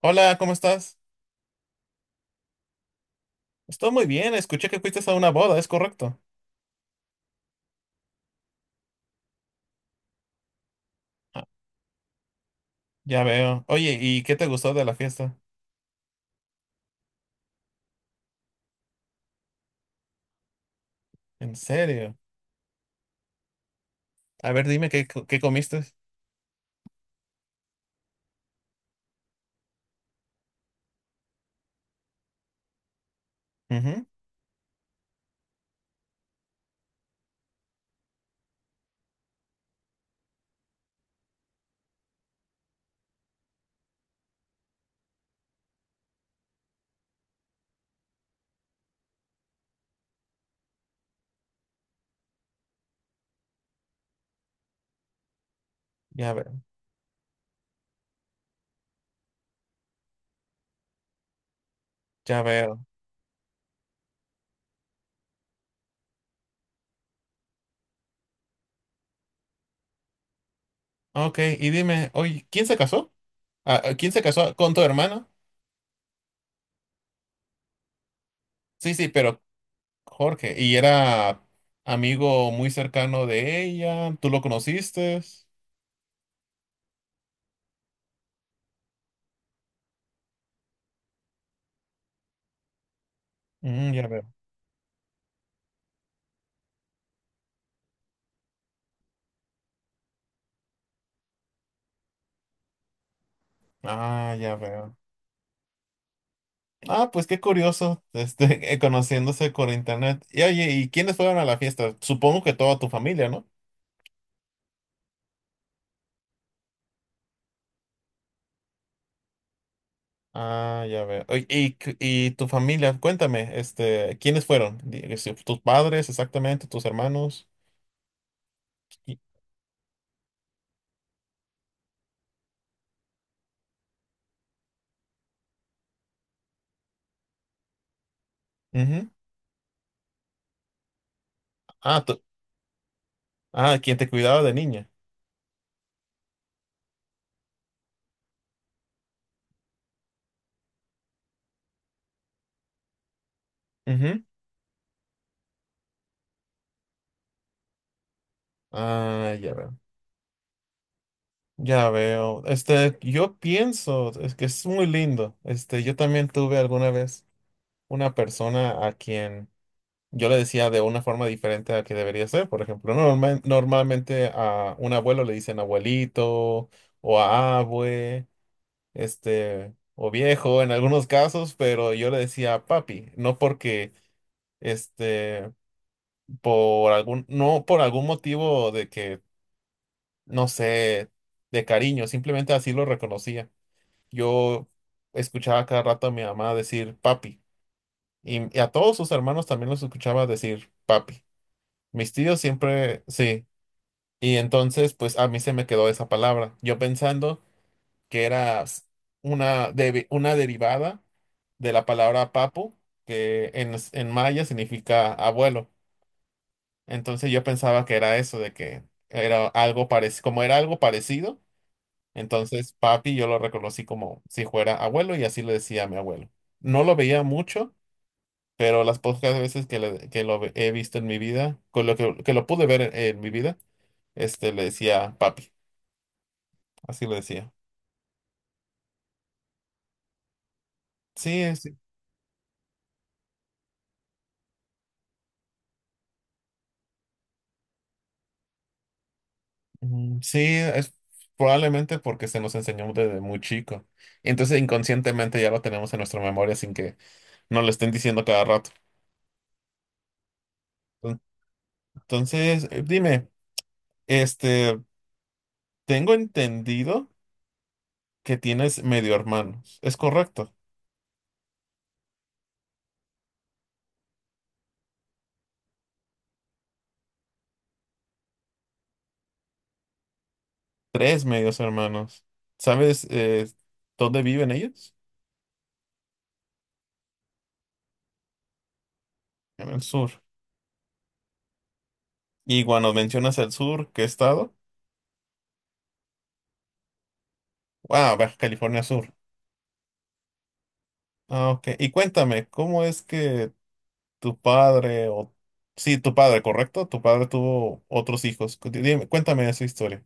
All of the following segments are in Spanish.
Hola, ¿cómo estás? Estoy muy bien, escuché que fuiste a una boda, ¿es correcto? Ah, ya veo. Oye, ¿y qué te gustó de la fiesta? ¿En serio? A ver, dime qué comiste. Ujú. Ya veo, ya veo. Ok, y dime, oye, ¿quién se casó? Ah, ¿quién se casó con tu hermano? Sí, sí, pero Jorge, ¿y era amigo muy cercano de ella? ¿Tú lo conociste? Mm, ya veo. Ah, ya veo. Ah, pues qué curioso, este, conociéndose por internet. Y oye, ¿y quiénes fueron a la fiesta? Supongo que toda tu familia, ¿no? Ah, ya veo. Oye, y tu familia, cuéntame, este, ¿quiénes fueron? Di- si ¿Tus padres exactamente? ¿Tus hermanos? Y- ujú. Ah, tú- ah, quien te cuidaba de niña. Ujú. Ah, ya veo. Ya veo. Este, yo pienso, es que es muy lindo. Este, yo también tuve alguna vez una persona a quien yo le decía de una forma diferente a que debería ser. Por ejemplo, normalmente a un abuelo le dicen abuelito o a abue, este, o viejo en algunos casos, pero yo le decía papi, no porque, este, no por algún motivo de que, no sé, de cariño, simplemente así lo reconocía. Yo escuchaba cada rato a mi mamá decir papi y a todos sus hermanos también los escuchaba decir papi. Mis tíos siempre, sí. Y entonces, pues a mí se me quedó esa palabra. Yo pensando que era una derivada de la palabra papu, que en maya significa abuelo. Entonces yo pensaba que era eso, de que era algo parecido, como era algo parecido, entonces papi yo lo reconocí como si fuera abuelo y así le decía a mi abuelo. No lo veía mucho, pero las pocas veces que he visto en mi vida, con que lo pude ver en mi vida, este le decía papi, así le decía. Sí, es- mm, sí, es probablemente porque se nos enseñó desde muy chico. Y entonces inconscientemente ya lo tenemos en nuestra memoria sin que nos lo estén diciendo cada rato. Ent- Entonces, dime, este, tengo entendido que tienes medio hermanos. ¿Es correcto? Tres medios hermanos. ¿Sabes dónde viven ellos? En el sur. Y cuando mencionas el sur, ¿qué estado? Wow, Baja California Sur. Ah, ok. Y cuéntame, ¿cómo es que tu padre, o... sí, tu padre, ¿correcto? Tu padre tuvo otros hijos. Dime, cuéntame esa historia.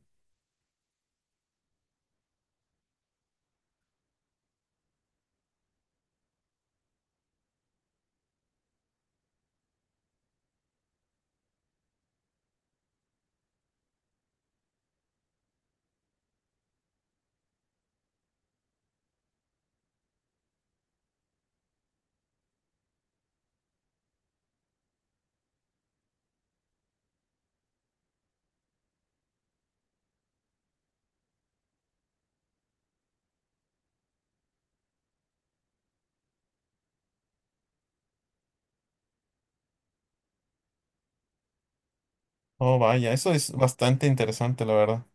Oh, vaya, eso es bastante interesante, la verdad.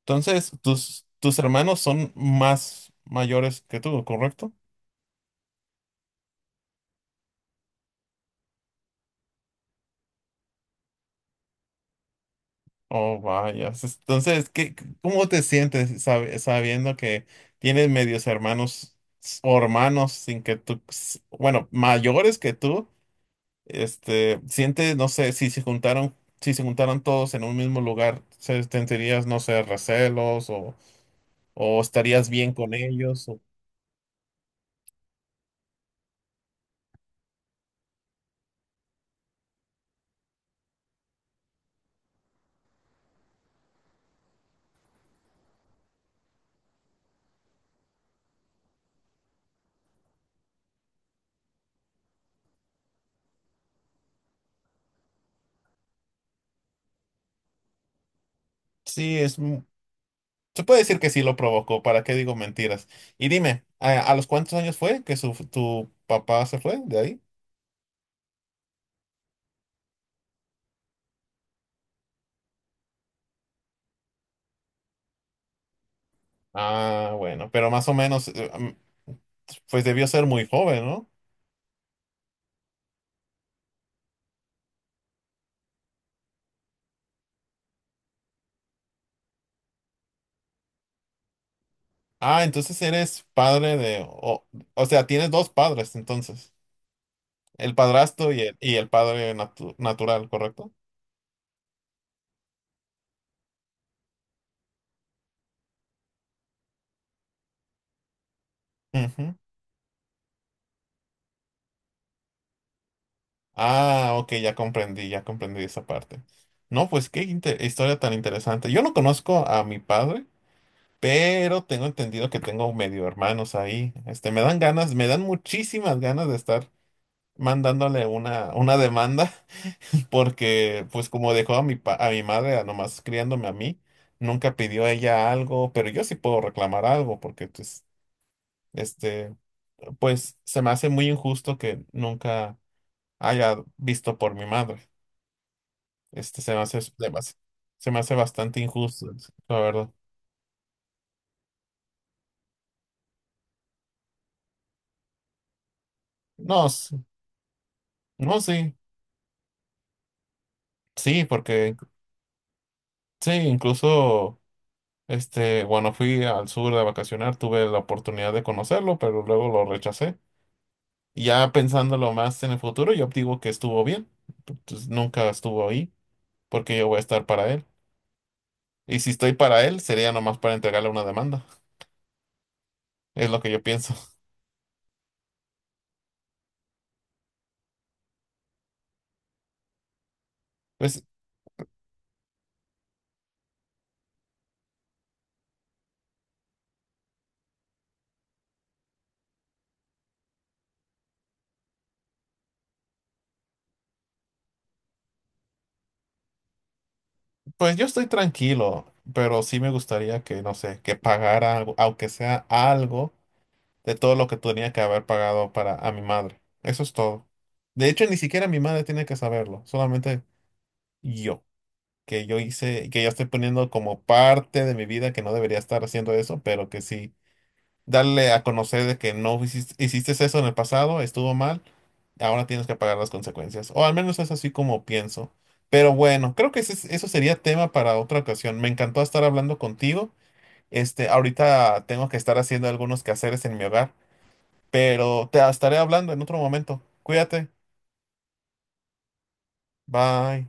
Entonces, tus hermanos son más mayores que tú, ¿correcto? Oh, vaya. Entonces, qué, ¿cómo te sientes sabiendo que tienes medios hermanos o hermanos sin que tú, bueno, mayores que tú? Este, siente, no sé, si se juntaron todos en un mismo lugar, ¿sentirías, no sé, recelos o estarías bien con ellos? Sí, se puede decir que sí lo provocó, ¿para qué digo mentiras? Y dime, ¿ a los cuántos años fue que tu papá se fue de ahí? Ah, bueno, pero más o menos, pues debió ser muy joven, ¿no? Ah, entonces eres padre de, o sea, tienes dos padres, entonces. El padrastro y el padre natural, ¿correcto? Ujú. Ah, ok, ya comprendí esa parte. No, pues qué historia tan interesante. Yo no conozco a mi padre, pero tengo entendido que tengo medio hermanos ahí. Este, me dan ganas, me dan muchísimas ganas de estar una demanda, porque pues como dejó a a mi madre a nomás criándome a mí, nunca pidió ella algo, pero yo sí puedo reclamar algo, porque pues, este, pues se me hace muy injusto que nunca haya visto por mi madre. Este, se me hace bastante injusto, la verdad. No, s- no, sí, sí, porque sí, incluso, este, cuando fui al sur de vacacionar, tuve la oportunidad de conocerlo, pero luego lo rechacé. Y ya pensándolo más en el futuro, yo digo que estuvo bien. Pues, nunca estuvo ahí, porque yo voy a estar para él. Y si estoy para él, sería nomás para entregarle una demanda. Es lo que yo pienso. Pues, pues yo estoy tranquilo, pero sí me gustaría que, no sé, que pagara algo, aunque sea algo de todo lo que tenía que haber pagado para a mi madre. Eso es todo. De hecho, ni siquiera mi madre tiene que saberlo, solamente yo, que yo hice, que ya estoy poniendo como parte de mi vida que no debería estar haciendo eso, pero que sí. Darle a conocer de que no hiciste eso en el pasado, estuvo mal, ahora tienes que pagar las consecuencias. O al menos es así como pienso. Pero bueno, creo que eso sería tema para otra ocasión. Me encantó estar hablando contigo. Este, ahorita tengo que estar haciendo algunos quehaceres en mi hogar, pero te estaré hablando en otro momento. Cuídate. Bye.